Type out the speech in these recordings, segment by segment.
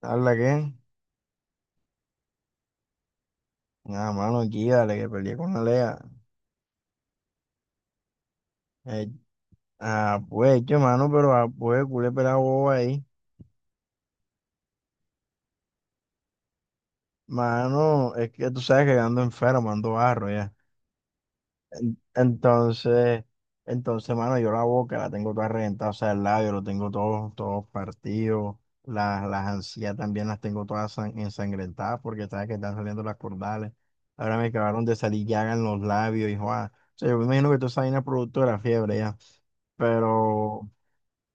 ¿Habla qué? Ah, mano, aquí, dale, que peleé con Alea. Eh, ah, pues, che, mano, pero ah, pues, culé pelado bobo ahí. Mano, es que tú sabes que ando enfermo, ando barro ya. Entonces, entonces, mano, yo la boca la tengo toda reventada, o sea, el labio lo tengo todo partido. Las encías también las tengo todas ensangrentadas porque sabes que están saliendo las cordales. Ahora me acabaron de salir llagas en los labios y, joa. O sea, yo me imagino que toda esa vaina es producto de la fiebre ya. Pero.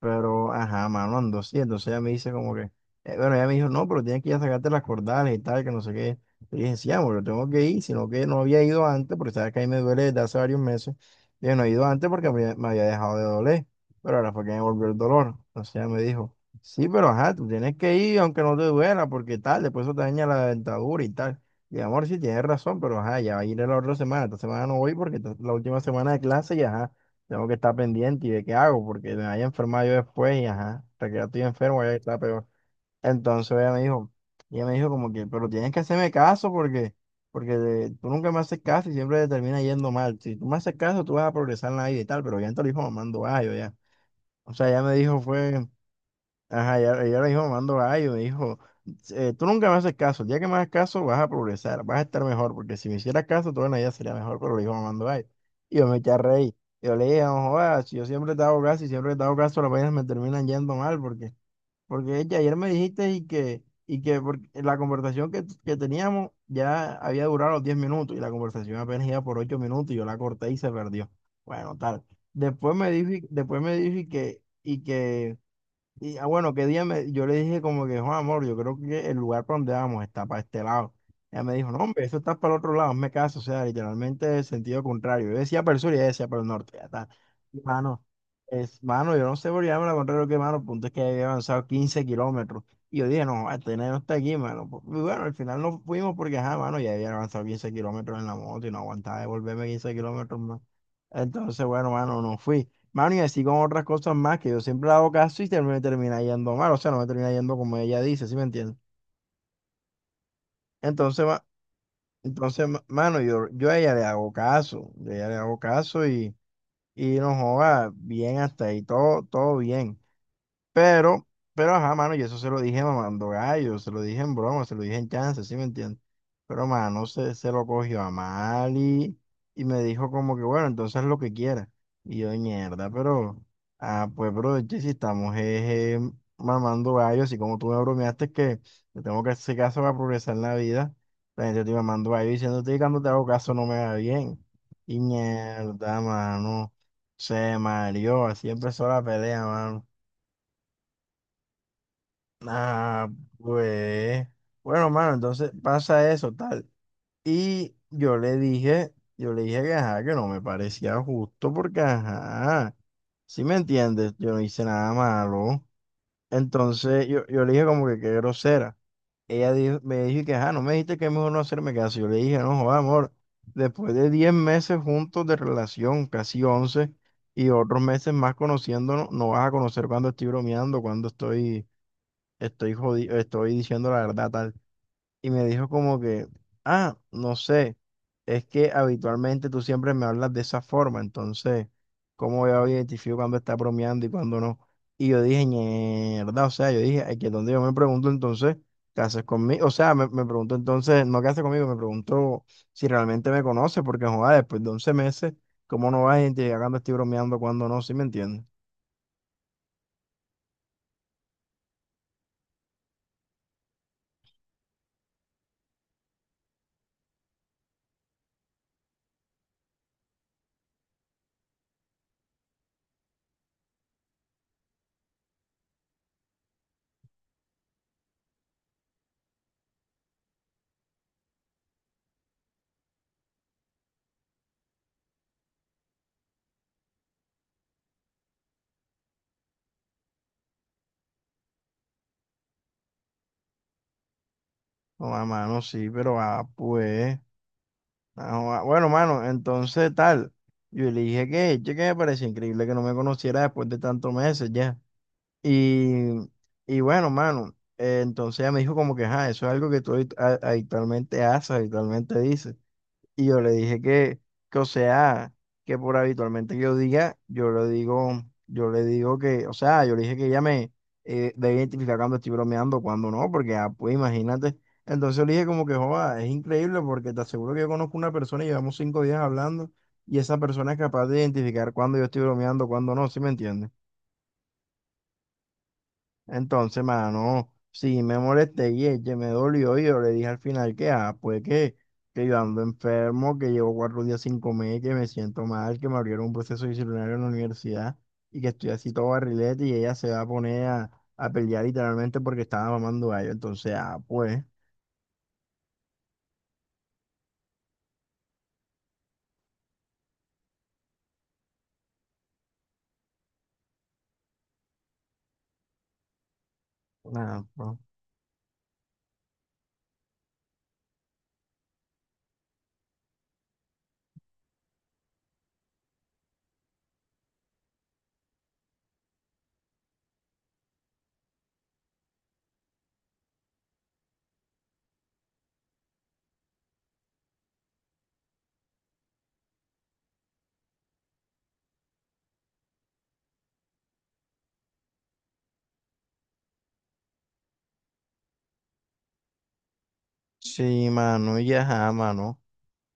Pero, ajá, mano, andó sí. Entonces ella me dice como que, bueno, ella me dijo, no, pero tienes que ir a sacarte las cordales y tal, que no sé qué. Le dije, sí, amor, yo tengo que ir, sino que no había ido antes, porque sabes que ahí me duele desde hace varios meses. Yo no he ido antes porque me había dejado de doler, pero ahora fue que me volvió el dolor. Entonces ella me dijo, sí, pero ajá, tú tienes que ir aunque no te duela, porque tal, después eso te daña la dentadura y tal. Y amor, sí, tienes razón, pero ajá, ya va a ir la otra semana. Esta semana no voy porque esta es la última semana de clase y ajá. Tengo que estar pendiente y de qué hago, porque me vaya a enfermar yo después y ajá, hasta que ya estoy enfermo ya está peor. Entonces ella me dijo como que, pero tienes que hacerme caso porque, porque tú nunca me haces caso y siempre te termina yendo mal. Si tú me haces caso, tú vas a progresar en la vida y tal, pero ya te lo dijo mamando gallo ya. O sea, ella me dijo fue. Ajá, ella le dijo mando gallo, me dijo, " Tú nunca me haces caso, el día que me hagas caso vas a progresar, vas a estar mejor, porque si me hicieras caso, toda la vida sería mejor, pero le dijo mamando gallo. Y yo me eché a reír. Yo le dije, no jodas, si yo siempre te hago caso y siempre te hago caso, las vainas me terminan yendo mal, porque, porque ya ayer me dijiste y que la conversación que teníamos ya había durado los 10 minutos y la conversación apenas iba por 8 minutos y yo la corté y se perdió. Bueno, tal. Después me dijo, después me dijo y que y ah, bueno, yo le dije como que, Juan, amor, yo creo que el lugar para donde vamos está para este lado. Ella me dijo, no, hombre, eso está para el otro lado, me caso, o sea, literalmente el sentido contrario. Yo decía para el sur y ella decía para el norte, ya está. Y, mano, mano, yo no sé por qué me la contrario que, mano, el punto es que había avanzado 15 kilómetros. Y yo dije, no, este nene no está aquí, mano. Pues, y bueno, al final no fuimos porque, ajá, mano, ya había avanzado 15 kilómetros en la moto y no aguantaba de volverme 15 kilómetros más. Entonces, bueno, mano, no fui. Mano, y así con otras cosas más que yo siempre le hago caso y me termina yendo mal, o sea, no me termina yendo como ella dice, ¿sí me entiendes? Entonces, ma- entonces mano, yo a ella le hago caso, yo a ella le hago caso y no joda, bien hasta ahí, todo, todo bien. Pero, pero ajá, mano, y eso se lo dije mamando gallo, se lo dije en broma, se lo dije en chance, ¿sí me entiendes? Pero, mano, se lo cogió a mal y me dijo como que, bueno, entonces lo que quiera. Y yo, mierda, pero, ah, pues, bro, che, si estamos mamando gallo, así como tú me bromeaste que te tengo que hacer caso para progresar en la vida, la gente te mamando gallo diciéndote que cuando te hago caso no me va bien. Y mierda, mano, se mareó, así empezó la pelea, mano. Ah, pues. Bueno, mano, entonces pasa eso, tal. Y yo le dije que ajá, que no me parecía justo porque ajá, si me entiendes, yo no hice nada malo. Entonces yo le dije como que qué grosera. Me dijo que ajá, no me dijiste que es mejor no hacerme caso. Yo le dije, no, joda amor, después de 10 meses juntos de relación, casi 11 y otros meses más conociéndonos, no vas a conocer cuando estoy bromeando, cuando estoy jodido, estoy diciendo la verdad, tal. Y me dijo como que, ah, no sé, es que habitualmente tú siempre me hablas de esa forma, entonces, ¿cómo yo identifico cuando está bromeando y cuando no? Y yo dije, mierda, o sea, yo dije, "Ay, que donde yo me pregunto entonces, ¿qué haces conmigo? O sea, me pregunto entonces, no qué haces conmigo, me pregunto si realmente me conoce, porque joder, después de 11 meses, ¿cómo no vas a identificar cuando estoy bromeando, cuando no? ¿Sí me entiendes? No, a mano, sí, pero ah, pues. Ah, bueno, mano, entonces tal. Yo le dije que, che, que me parecía increíble que no me conociera después de tantos meses ya. Y, y bueno, mano, entonces ella me dijo como que, ajá, eso es algo que tú habitualmente haces, habitualmente dices. Y yo le dije que, o sea, que por habitualmente que yo diga, yo le digo, o sea, yo le dije que ella me debe identificar cuando estoy bromeando, cuando no, porque, ah, pues imagínate. Entonces le dije como que, joda, es increíble porque te aseguro que yo conozco una persona y llevamos 5 días hablando y esa persona es capaz de identificar cuando yo estoy bromeando, cuando no, ¿sí me entiendes? Entonces, mano, sí me molesté y ella me dolió y yo le dije al final que, ah, pues que, yo ando enfermo, que llevo 4 días sin comer, que me siento mal, que me abrieron un proceso disciplinario en la universidad y que estoy así todo barrilete y ella se va a poner a, pelear literalmente porque estaba mamando gallo. Entonces, ah, pues, nada, pues. Sí, mano, y ajá, mano.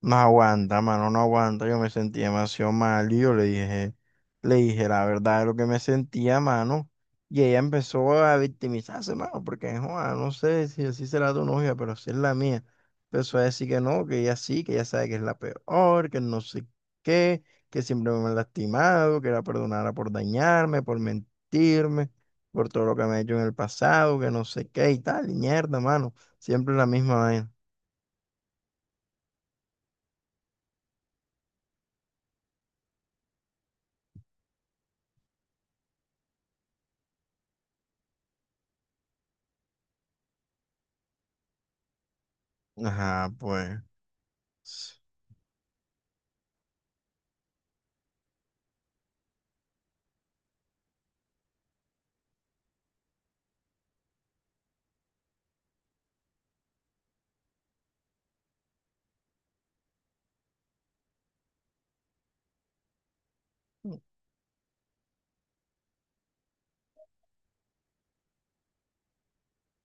No aguanta, mano, no aguanta. Yo me sentí demasiado mal y le dije la verdad de lo que me sentía, mano. Y ella empezó a victimizarse, mano, porque, joa, no sé si así será tu novia, pero así es la mía. Empezó a decir que no, que ella sí, que ella sabe que es la peor, que no sé qué, que siempre me ha lastimado, que la perdonara por dañarme, por mentirme, por todo lo que me ha hecho en el pasado, que no sé qué y tal, y mierda, mano. Siempre la misma vaina. Ajá, pues.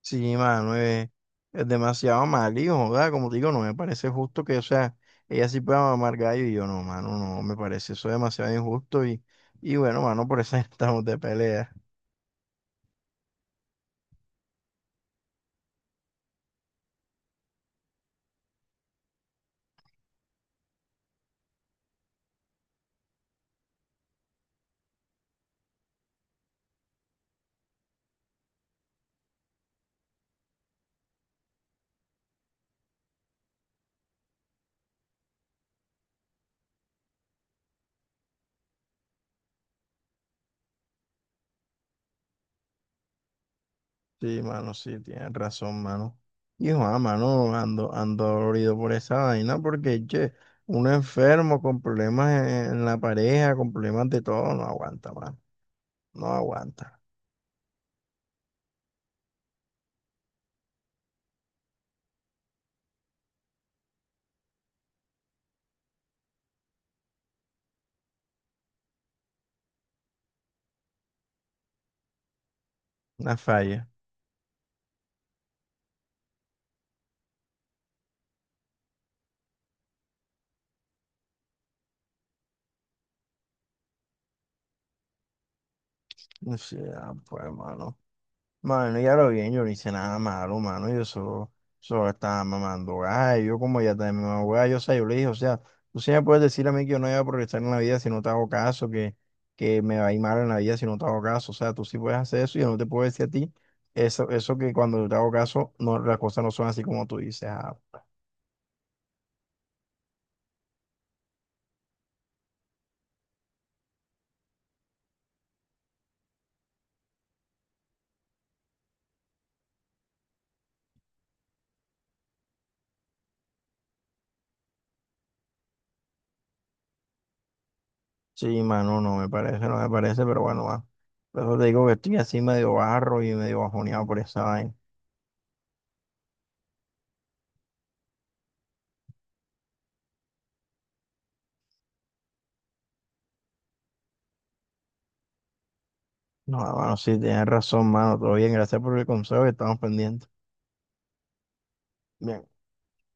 Sí, mano, es demasiado mal, hijo, joda, como te digo, no me parece justo que, o sea, ella sí pueda mamar gallo y yo no, mano, no, me parece eso demasiado injusto y, bueno, mano, por eso estamos de pelea. Sí, mano, sí, tienes razón, mano. Hijo, ah, mano, ando dolorido por esa vaina porque, che, uno enfermo con problemas en, la pareja, con problemas de todo, no aguanta, mano, no aguanta, una falla. Sí, ah, pues, mano. Mano, ya lo bien, yo no hice nada malo, mano. Solo estaba mamando gallo. Yo, como ya también mamando gallo, o sea, yo le dije, o sea, tú sí me puedes decir a mí que yo no voy a progresar en la vida si no te hago caso, que, me va a ir mal en la vida si no te hago caso. O sea, tú sí puedes hacer eso y yo no te puedo decir a ti eso que cuando yo te hago caso, no, las cosas no son así como tú dices. Ah, sí, mano, no me parece, pero bueno, va. Por eso te digo que estoy así medio barro y medio bajoneado por esa vaina. No, mano, sí, tienes razón, mano. Todo bien, gracias por el consejo y estamos pendientes. Bien.